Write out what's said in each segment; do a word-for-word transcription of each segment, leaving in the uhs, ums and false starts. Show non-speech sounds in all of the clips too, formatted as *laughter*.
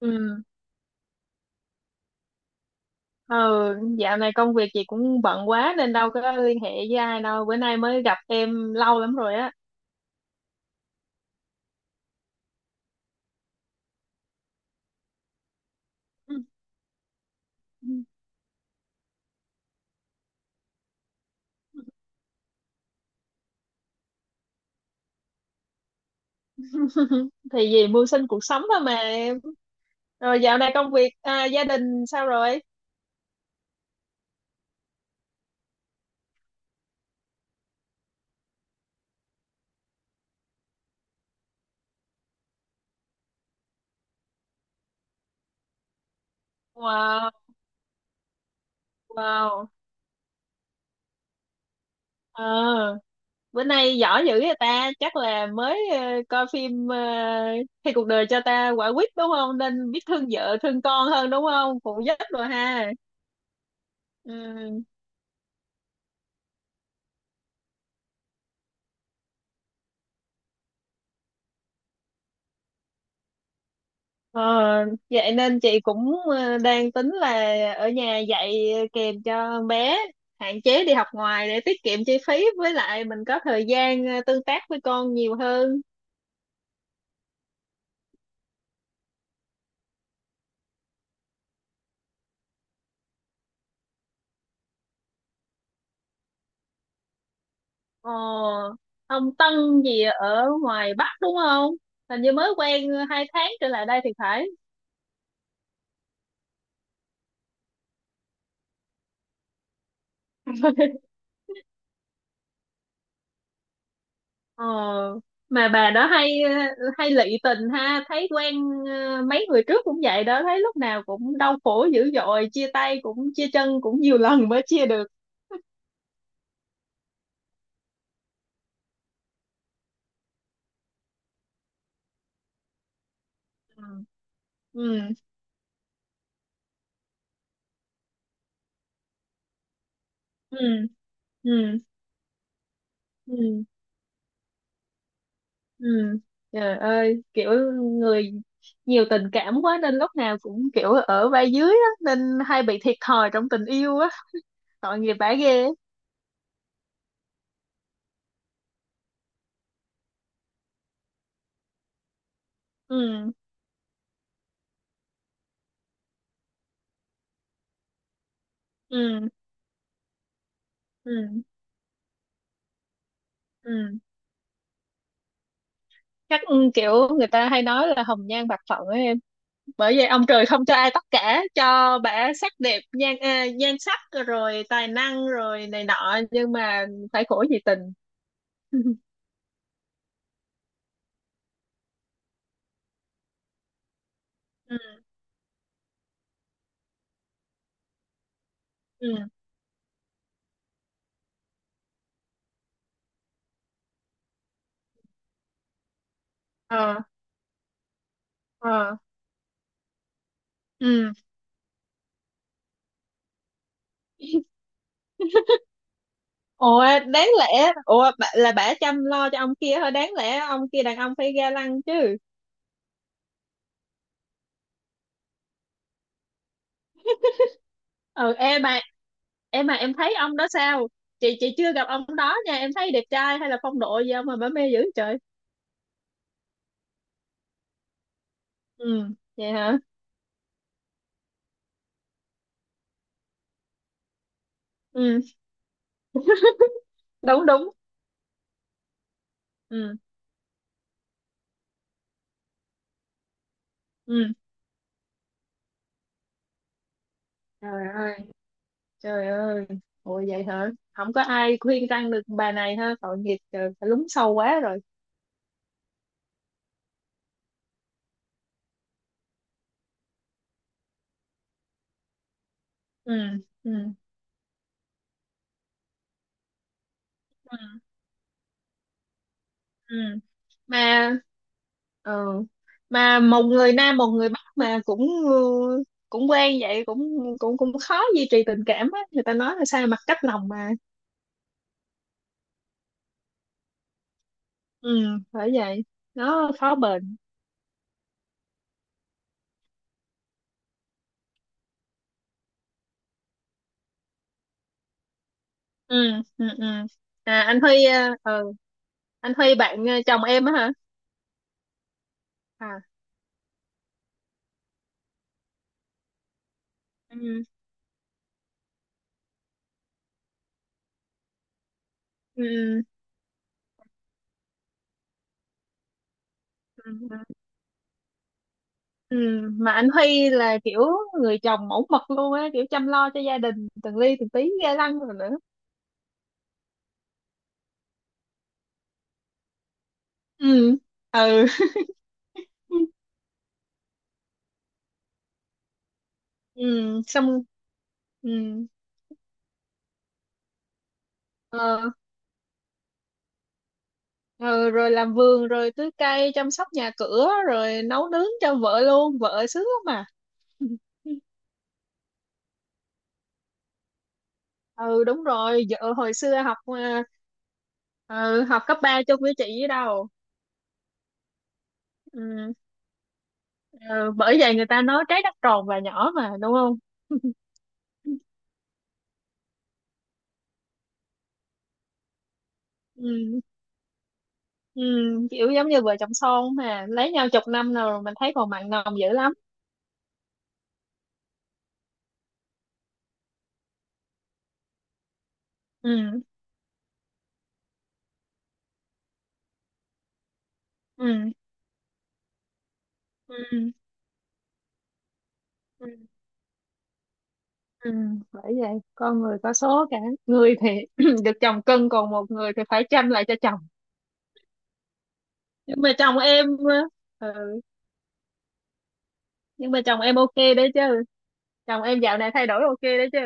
Ừ. Ừ, dạo này công việc chị cũng bận quá nên đâu có liên hệ với ai đâu. Bữa nay mới gặp em lâu lắm rồi á. *laughs* Thì vì mưu sinh cuộc sống thôi mà em. Rồi dạo này công việc à, gia đình sao rồi? Wow, wow. Ờ, Bữa nay giỏi dữ vậy ta, chắc là mới ờ, coi phim ờ, Khi cuộc đời cho ta quả quýt đúng không? Nên biết thương vợ, thương con hơn đúng không? Phụ giúp rồi ha. Ừ. Ờ, Vậy nên chị cũng ờ, đang tính là ở nhà dạy kèm cho bé, hạn chế đi học ngoài để tiết kiệm chi phí, với lại mình có thời gian ờ, tương tác với con nhiều hơn. Ờ, ông Tân gì ở ngoài Bắc đúng không? Hình như mới quen hai tháng trở lại đây thì phải. Ờ, mà bà đó hay ờ, hay lị tình ha, thấy quen ờ, mấy người trước cũng vậy đó, thấy lúc nào cũng đau khổ dữ dội, chia tay cũng chia chân cũng nhiều lần mới chia được. Ừ. Ừ. Ừ. Ừ. Ừ. Ừ. Trời ơi, kiểu người nhiều tình cảm quá nên lúc nào cũng kiểu ở vai dưới á, nên hay bị thiệt thòi trong tình yêu á, tội nghiệp bả ghê. Ừ. Ừ. Ừ. Ừ. Chắc ừ, kiểu người ta hay nói là hồng nhan bạc phận ấy em, bởi vậy ông trời không cho ai tất cả, cho bả sắc đẹp nhan à, nhan sắc rồi tài năng rồi này nọ nhưng mà phải khổ vì tình. *laughs* Ừ. Ừ. Ờ. Ờ. Ừ. Ủa, đáng lẽ Ủa bà- là bả chăm lo cho ông kia thôi, đáng lẽ ông kia đàn ông phải ga lăng chứ. Ừ, em mà em mà em thấy ông đó sao. Chị chị chưa gặp ông đó nha, em thấy đẹp trai hay là phong độ gì không mà bả mê dữ trời. Ừ, vậy hả? Ừ, đúng đúng. Ừ. Ừ. Trời ơi. Trời ơi. Ủa, vậy hả? Không có ai khuyên răn được bà này ha, tội nghiệp, trời phải lún sâu quá rồi. Ừ. Ừ. Ừ. Mà ờ, mà một người Nam một người Bắc mà cũng ừ, cũng quen vậy cũng cũng cũng khó duy trì tình cảm á, người ta nói là sao mặt cách lòng mà. Ừ, phải vậy, nó khó bền. Ừ. Ừ. Ừ. À, anh Huy ờ ờ, anh Huy bạn ờ, chồng em á hả? À. Ừ. Ừ. Ừ. Ừ. Ừ. Mà anh Huy là kiểu người chồng mẫu mực luôn á, kiểu chăm lo cho gia đình từng ly từng tí, ghê lăng rồi nữa. Ừ. Ừ. *laughs* Ừ, xong ừ, ờ, ờ, rồi làm vườn rồi tưới cây chăm sóc nhà cửa rồi nấu nướng cho vợ luôn, vợ sướng lắm mà. *laughs* Ừ, đúng rồi, vợ hồi xưa học ờ, ừ, học cấp ba chung với chị với đâu. Ừ. Ừ. Bởi vậy người ta nói trái đất tròn và nhỏ mà đúng không. *laughs* Ừ. Ừ. Kiểu giống như vợ chồng son mà lấy nhau chục năm rồi mình thấy còn mặn nồng dữ lắm. Ừ. Ừ. Ừ. Ừ. Ừ, bởi vậy con người có số cả, người thì *clears throat* được chồng cưng còn một người thì phải chăm lại cho chồng. nhưng mà chồng em ờ, ừ, nhưng mà chồng em ok đấy chứ, chồng em dạo này thay đổi ok đấy chứ.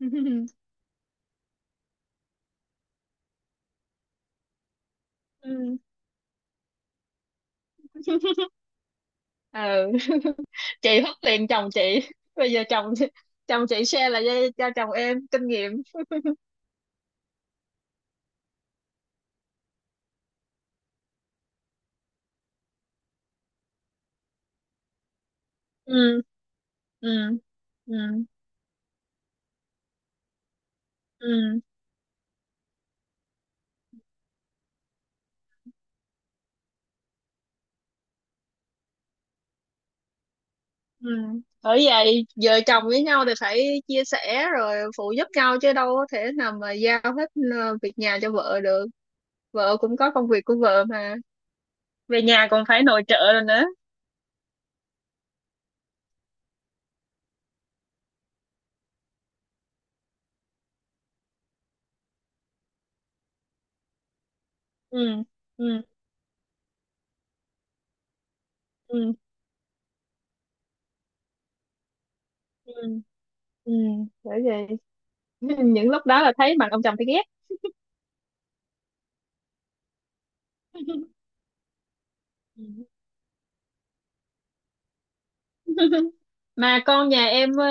*laughs* Ừ. Ừ. *laughs* Chị hất liền chồng chị, bây giờ chồng chồng chị share là cho, cho chồng em kinh nghiệm. Ừ. Ừ. Ừ. Ừ. Ừ. Bởi vậy vợ chồng với nhau thì phải chia sẻ rồi phụ giúp nhau chứ đâu có thể nào mà giao hết ờ, việc nhà cho vợ được, vợ cũng có công việc của vợ mà, về nhà còn phải nội trợ rồi nữa. Ừ. Ừ. Ừ. Ừ. Ừ, bởi vậy *laughs* những lúc đó là thấy mặt ông chồng thấy ghét. *laughs* Ừ. *laughs* Mà con nhà em ờ,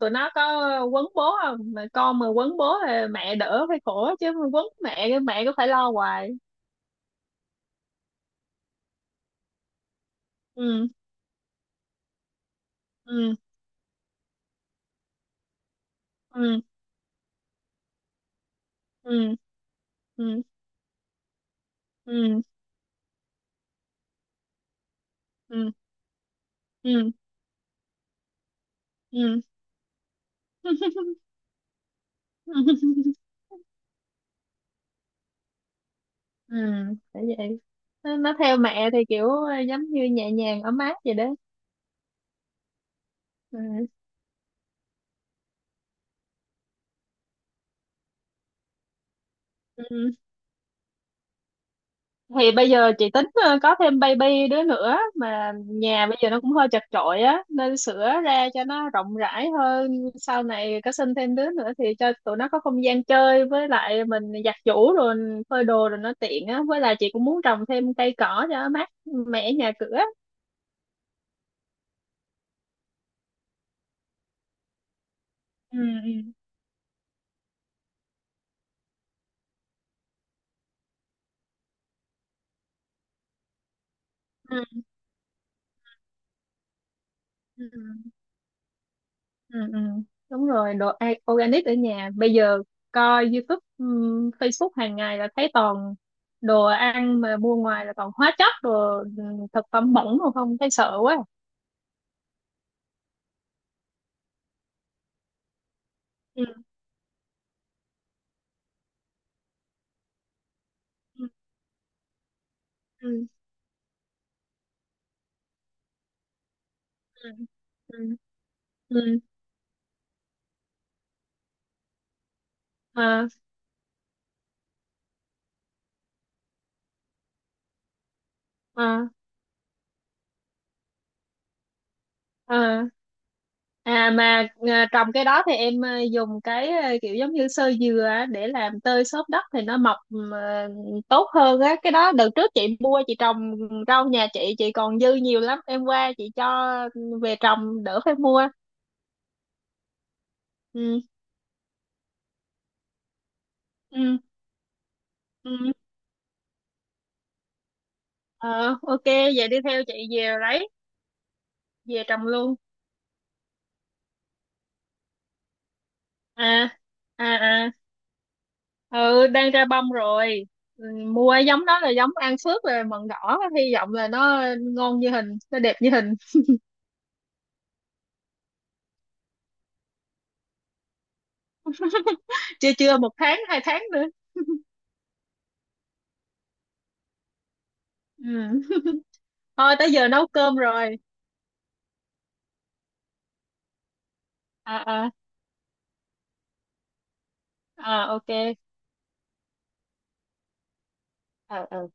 tụi nó có quấn bố không, mà con mà quấn bố là mẹ đỡ phải khổ, chứ mà quấn mẹ cái mẹ cứ phải lo hoài. Ừ. Ừ. Ừ. Ừ. Ừ. Ừ. Ừ. Ừ. Ừ. *laughs* Ừ, phải vậy, nó, nó theo mẹ thì kiểu ờ, giống như nhẹ nhàng ấm áp vậy đó. Ừ. Ừ. Thì bây giờ chị tính ờ, có thêm baby đứa nữa mà nhà bây giờ nó cũng hơi chật chội á nên sửa ra cho nó rộng rãi hơn, sau này có sinh thêm đứa nữa thì cho tụi nó có không gian chơi, với lại mình giặt giũ rồi phơi đồ rồi nó tiện á, với lại chị cũng muốn trồng thêm cây cỏ cho mát mẻ nhà cửa. Ừ. Ừ. Ừ. Ừ. Ừ. Đúng rồi, đồ a- organic ở nhà. Bây giờ coi YouTube, ừm, Facebook hàng ngày là thấy toàn đồ ăn mà mua ngoài là toàn hóa chất, đồ ừm, thực phẩm bẩn mà không thấy sợ quá. Ừ. Ừ. Ừ. Ừ. Ừ. Ừ. À. À. À. À mà à, trồng cái đó thì em à, dùng cái à, kiểu giống như xơ dừa á, để làm tơi xốp đất thì nó mọc à, tốt hơn á. Cái đó đợt trước chị mua chị trồng rau, nhà chị chị còn dư nhiều lắm. Em qua chị cho về trồng đỡ phải mua. Ừ. Ừ. Ừ. Ờ, ok, vậy đi theo chị về lấy về trồng luôn. À. À. À. Ừ, đang ra bông rồi. Ừ, mua giống đó là giống An Phước rồi, mận đỏ, hy vọng là nó ngon như hình, nó đẹp như hình. Chưa, chưa, một tháng hai tháng nữa. *laughs* Ừ. Thôi tới giờ nấu cơm rồi. À. À. À. Ok. Ờ. Ờ.